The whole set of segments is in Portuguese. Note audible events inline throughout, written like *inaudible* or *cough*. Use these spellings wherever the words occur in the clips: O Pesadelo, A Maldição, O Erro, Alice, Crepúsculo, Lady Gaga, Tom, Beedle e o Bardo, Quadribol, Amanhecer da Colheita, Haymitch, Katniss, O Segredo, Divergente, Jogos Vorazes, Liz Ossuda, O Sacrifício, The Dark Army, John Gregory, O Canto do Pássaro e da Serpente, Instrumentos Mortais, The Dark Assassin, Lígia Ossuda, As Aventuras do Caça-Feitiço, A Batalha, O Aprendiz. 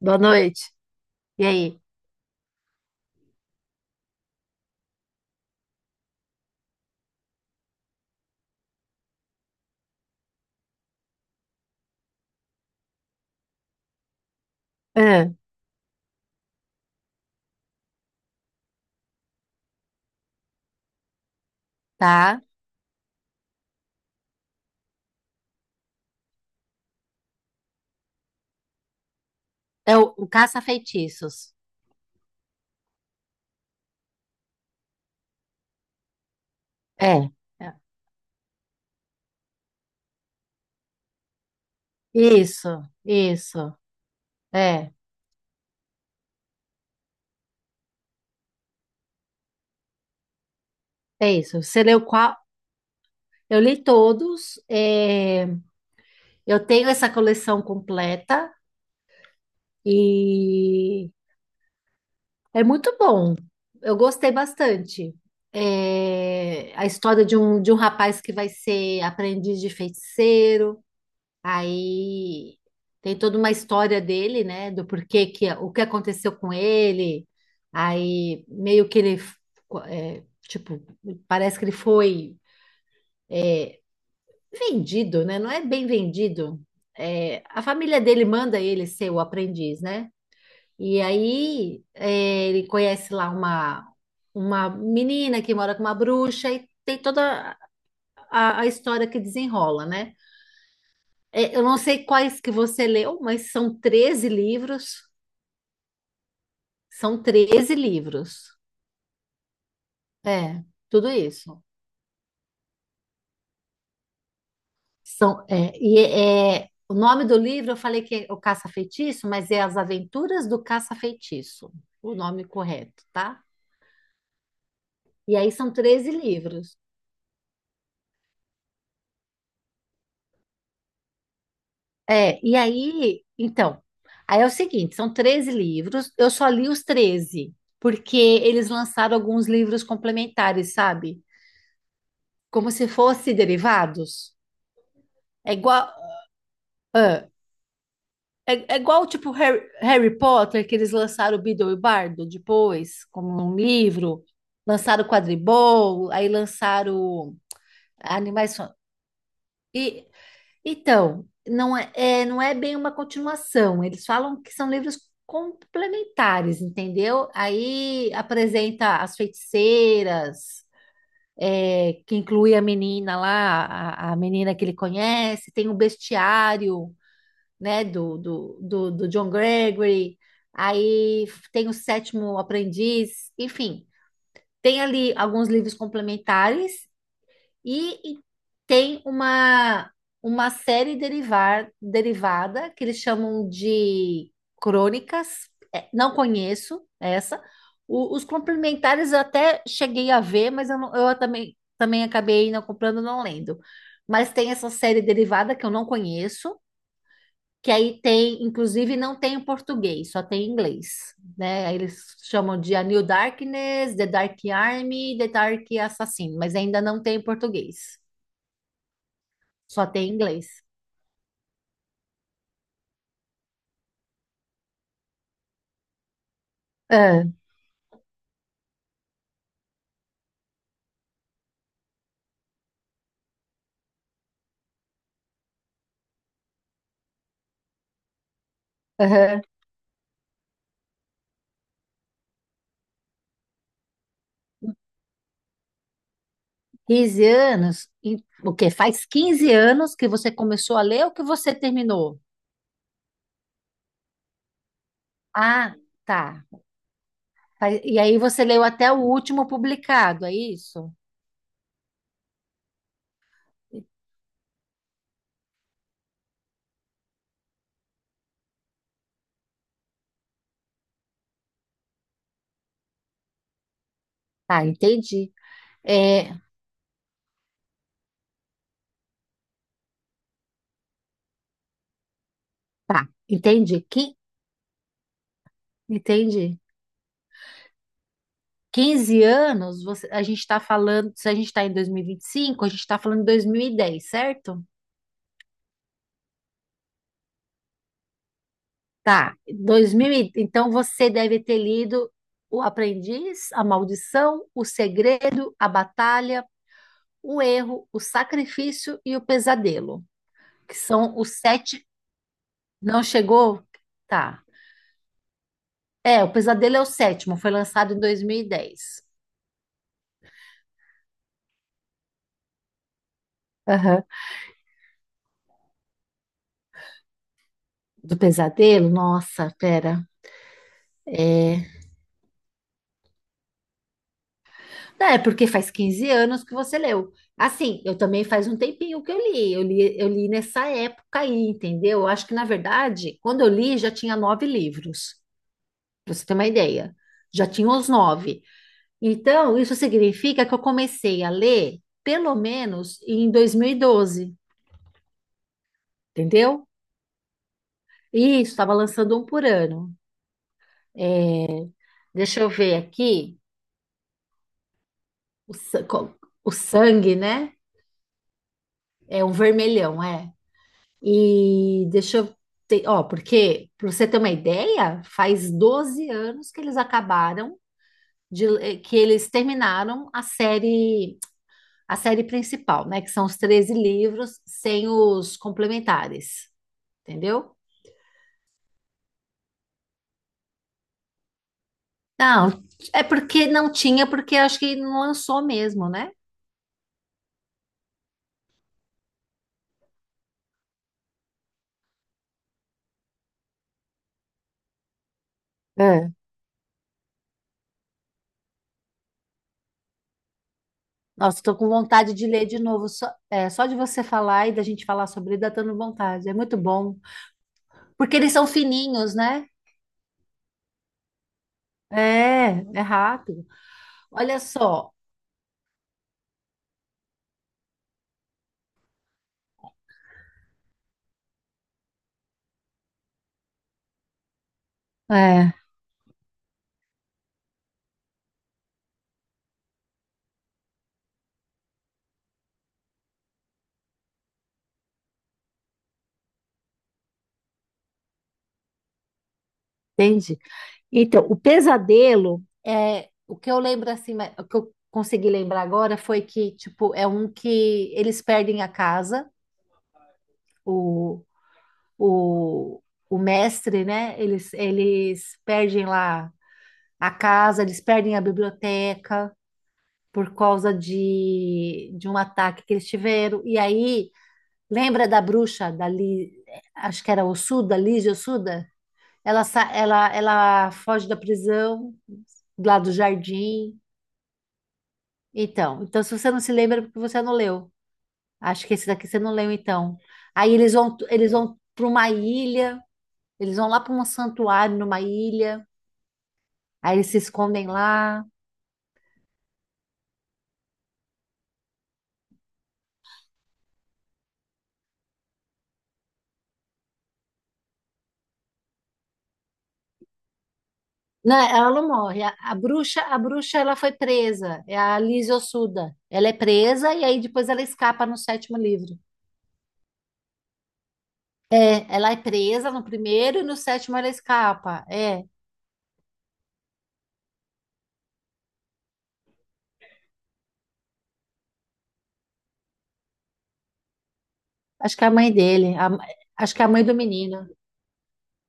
Boa noite. E aí? É, Tá? É o caça-feitiços. É. É. Isso, isso. É, é isso. Você leu qual? Eu li todos. Eu tenho essa coleção completa e é muito bom. Eu gostei bastante. A história de um rapaz que vai ser aprendiz de feiticeiro. Aí tem toda uma história dele, né? Do porquê que o que aconteceu com ele. Aí meio que ele tipo, parece que ele foi vendido, né? Não é bem vendido. A família dele manda ele ser o aprendiz, né? E aí ele conhece lá uma menina que mora com uma bruxa e tem toda a história que desenrola, né? Eu não sei quais que você leu, mas são 13 livros. São 13 livros. É, tudo isso. São, é, e é, é, O nome do livro, eu falei que é o Caça-Feitiço, mas é As Aventuras do Caça-Feitiço, o nome correto, tá? E aí são 13 livros. E aí, então, aí é o seguinte, são 13 livros, eu só li os 13 porque eles lançaram alguns livros complementares, sabe? Como se fossem derivados. É igual. É igual, tipo, Harry Potter, que eles lançaram o Beedle e o Bardo depois, como um livro. Lançaram o Quadribol, aí lançaram Animais... E, então, não é bem uma continuação. Eles falam que são livros complementares, entendeu? Aí apresenta as feiticeiras, que inclui a menina lá, a menina que ele conhece, tem o bestiário né, do John Gregory, aí tem o Sétimo Aprendiz, enfim, tem ali alguns livros complementares e tem uma série derivada que eles chamam de crônicas. É, não conheço essa. Os complementares eu até cheguei a ver, mas eu também acabei não comprando, não lendo. Mas tem essa série derivada que eu não conheço, que aí tem, inclusive, não tem em português, só tem em inglês, né? Aí eles chamam de A New Darkness, The Dark Army, The Dark Assassin, mas ainda não tem em português, só tem em inglês. Ah, aham. 15 anos, o quê? Faz 15 anos que você começou a ler ou que você terminou? Ah, tá. E aí você leu até o último publicado, é isso? Tá, entendi. É, tá, entendi. Entendi. 15 anos, a gente está falando, se a gente está em dois mil e vinte e cinco a gente está falando de 2010, certo? Tá, 2000, então você deve ter lido O Aprendiz, A Maldição, O Segredo, A Batalha, O Erro, O Sacrifício e O Pesadelo, que são os sete. Não chegou? Tá. O Pesadelo é o sétimo, foi lançado em 2010. Aham. Do Pesadelo? Nossa, pera. Porque faz 15 anos que você leu. Assim, eu também faz um tempinho que eu li. Eu li nessa época aí, entendeu? Eu acho que, na verdade, quando eu li, já tinha nove livros, pra você ter uma ideia. Já tinha os nove. Então, isso significa que eu comecei a ler, pelo menos, em 2012, entendeu? E isso, estava lançando um por ano. É, Deixa eu ver aqui. O, sa- co- o sangue, né? É um vermelhão, é. E deixa eu ter, ó, porque, para você ter uma ideia, faz 12 anos que eles acabaram que eles terminaram a série, principal, né? Que são os 13 livros sem os complementares, entendeu? Não, é porque não tinha, porque acho que não lançou mesmo, né? É. Nossa, tô com vontade de ler de novo, só de você falar e da gente falar sobre ele, dá dando vontade. É muito bom, porque eles são fininhos, né? É rápido. Olha só. É. Entende? Então, o pesadelo é o que eu lembro assim, o que eu consegui lembrar agora foi que, tipo, é um que eles perdem a casa, o, o, o mestre, né? Eles perdem lá a casa, eles perdem a biblioteca por causa de um ataque que eles tiveram. E aí, lembra da bruxa, acho que era Ossuda, Lígia Ossuda? Ela foge da prisão, lá do jardim. Então, se você não se lembra, é porque você não leu. Acho que esse daqui você não leu, então. Aí eles vão, para uma ilha, eles vão lá para um santuário numa ilha, aí eles se escondem lá. Não, ela não morre. A bruxa, ela foi presa. É a Liz Ossuda. Ela é presa e aí depois ela escapa no sétimo livro. Ela é presa no primeiro e no sétimo ela escapa. Acho que é a mãe dele. Acho que é a mãe do menino.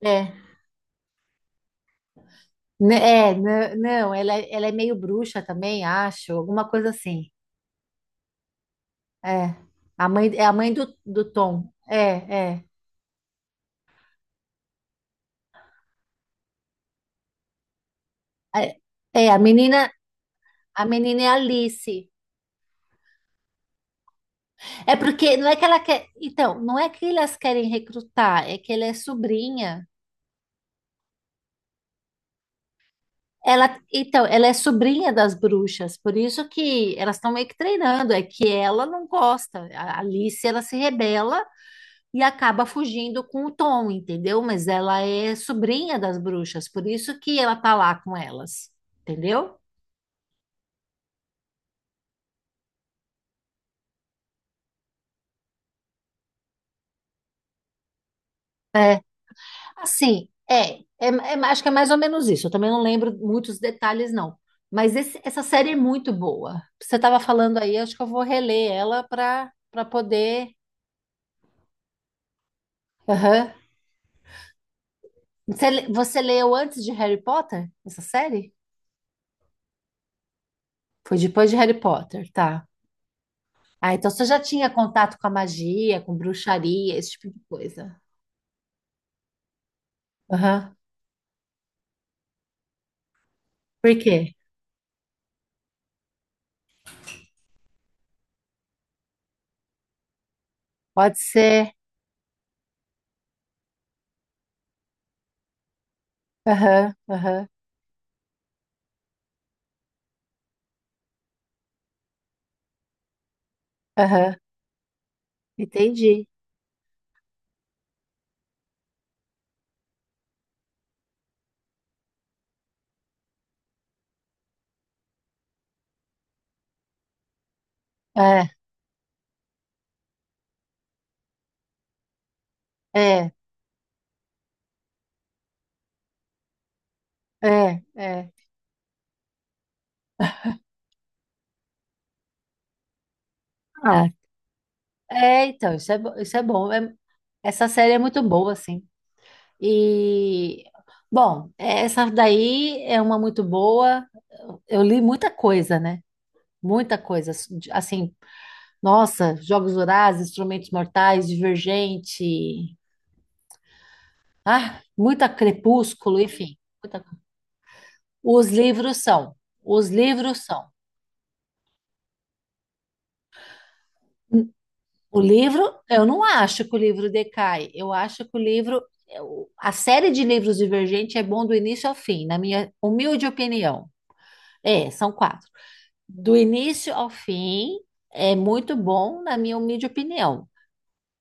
É. Não, ela é meio bruxa também, acho. Alguma coisa assim. É. É a mãe do Tom. É, é. É, é, a menina, a menina é Alice. É porque não é que ela quer. Então, não é que elas querem recrutar, é que ela é sobrinha. Então, ela é sobrinha das bruxas, por isso que elas estão meio que treinando, é que ela não gosta. A Alice, ela se rebela e acaba fugindo com o Tom, entendeu? Mas ela é sobrinha das bruxas, por isso que ela tá lá com elas, entendeu? É, assim, acho que é mais ou menos isso. Eu também não lembro muitos detalhes, não. Mas essa série é muito boa. Você estava falando aí, acho que eu vou reler ela para poder. Aham. Você leu antes de Harry Potter essa série? Foi depois de Harry Potter, tá. Ah, então você já tinha contato com a magia, com bruxaria, esse tipo de coisa. Aham. Por quê? Pode ser. Aham, aham, aham. Entendi. É, é, é. Ah, então, isso é bom. Essa série é muito boa, assim. E, bom, essa daí é uma muito boa. Eu li muita coisa, né? Muita coisa. Assim, nossa, Jogos Vorazes, Instrumentos Mortais, Divergente. Ah, muita Crepúsculo, enfim. muita- Os livros são. Os livros são. O livro, eu não acho que o livro decai. Eu acho que a série de livros Divergente é bom do início ao fim, na minha humilde opinião. É, são quatro. Do início ao fim é muito bom, na minha humilde opinião.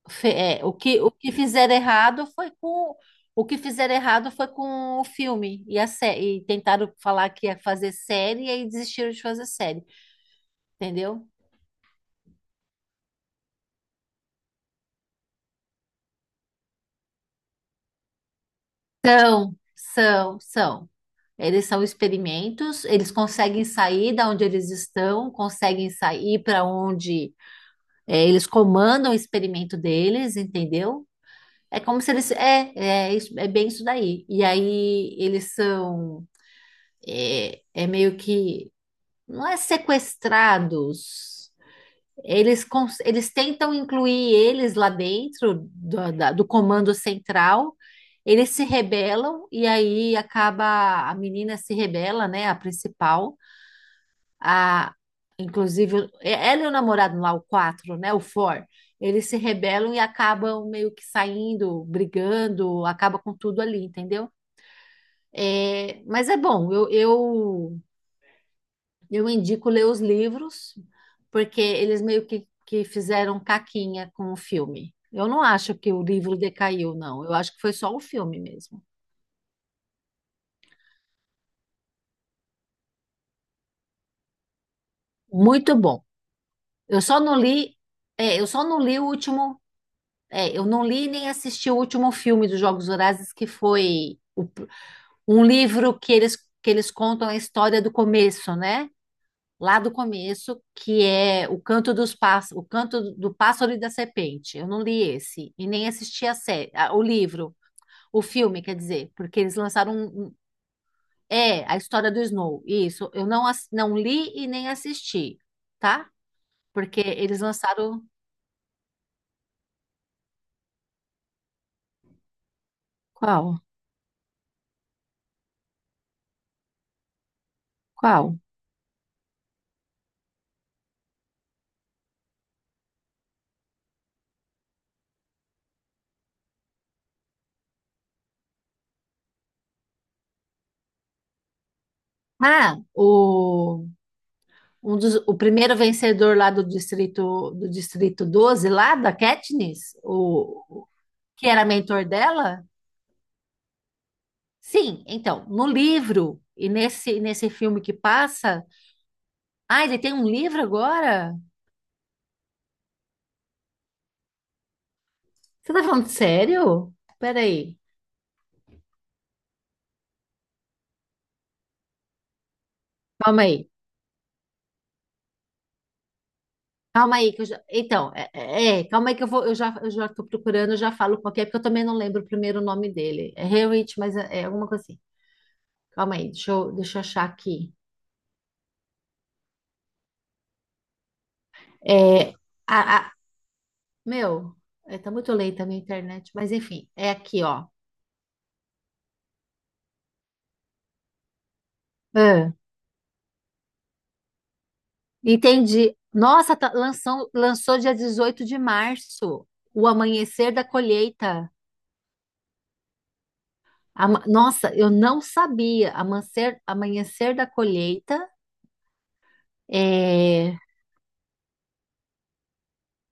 Fe- o que fizeram errado foi com o que fizeram errado foi com o filme e a série, e tentaram falar que ia fazer série e aí desistiram de fazer série, entendeu? São, são, são. Eles são experimentos, eles conseguem sair da onde eles estão, conseguem sair para onde eles comandam o experimento deles, entendeu? É como se eles. É bem isso daí. E aí eles são. É meio que. Não é sequestrados. Eles tentam incluir eles lá dentro do comando central. Eles se rebelam e aí acaba. A menina se rebela, né? A principal, a, inclusive, ela e o namorado lá, o 4 né, o four eles se rebelam e acabam meio que saindo, brigando, acaba com tudo ali, entendeu? É, mas é bom, eu indico ler os livros, porque eles meio que fizeram caquinha com o filme. Eu não acho que o livro decaiu, não. Eu acho que foi só o filme mesmo. Muito bom. Eu só não li, é, eu só não li o último. Eu não li nem assisti o último filme dos Jogos Vorazes, que foi o um livro que eles contam a história do começo, né? Lá do começo, que é O Canto dos Pássaros, O Canto do Pássaro e da Serpente. Eu não li esse e nem assisti o livro, o filme, quer dizer, porque eles lançaram um. É a história do Snow. Isso, eu não li e nem assisti, tá? Porque eles lançaram qual? Qual? Ah, o primeiro vencedor lá do distrito 12 lá da Katniss, que era mentor dela? Sim, então, no livro e nesse filme que passa, ah, ele tem um livro agora? Você tá falando sério? Peraí, calma aí. Calma aí que eu já, então, calma aí que eu vou, eu já tô procurando, eu já falo qual que é, porque eu também não lembro o primeiro nome dele. É Haywood, mas é alguma coisa assim. Calma aí, deixa eu achar aqui. É, a, Meu, tá muito lenta a minha internet, mas enfim, é aqui, ó. É. Entendi. Nossa, lançou dia 18 de março, o amanhecer da colheita. Nossa, eu não sabia. Amanhecer da colheita é,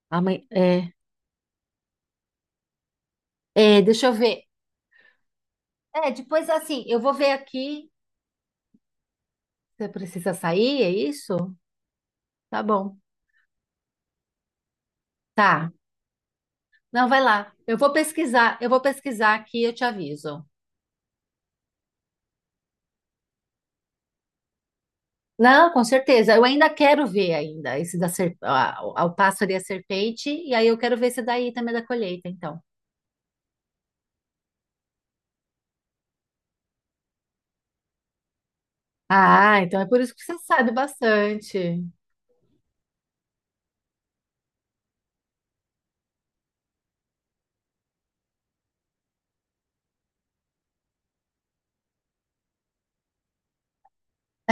aman- é, Deixa eu ver. Depois assim, eu vou ver aqui. Você precisa sair, é isso? Tá bom. Tá. Não, vai lá. Eu vou pesquisar aqui, e eu te aviso. Não, com certeza. Eu ainda quero ver ainda esse da o pássaro e a serpente, e aí eu quero ver esse daí também da colheita, então. Ah, então é por isso que você sabe bastante.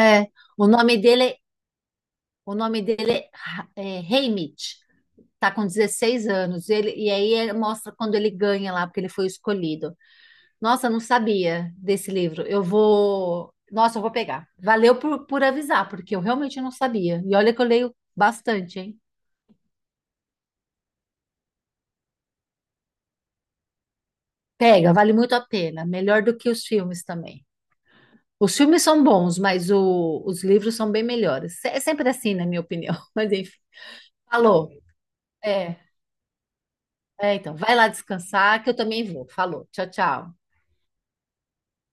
É, o nome dele, o nome dele é Haymitch. Tá com 16 anos. E aí ele mostra quando ele ganha lá, porque ele foi escolhido. Nossa, eu não sabia desse livro. Nossa, eu vou pegar. Valeu por avisar, porque eu realmente não sabia. E olha que eu leio bastante, hein? Pega, vale muito a pena. Melhor do que os filmes também. Os filmes são bons, mas os livros são bem melhores. É sempre assim, na minha opinião. *laughs* Mas enfim, falou. É, então, vai lá descansar que eu também vou. Falou. Tchau, tchau.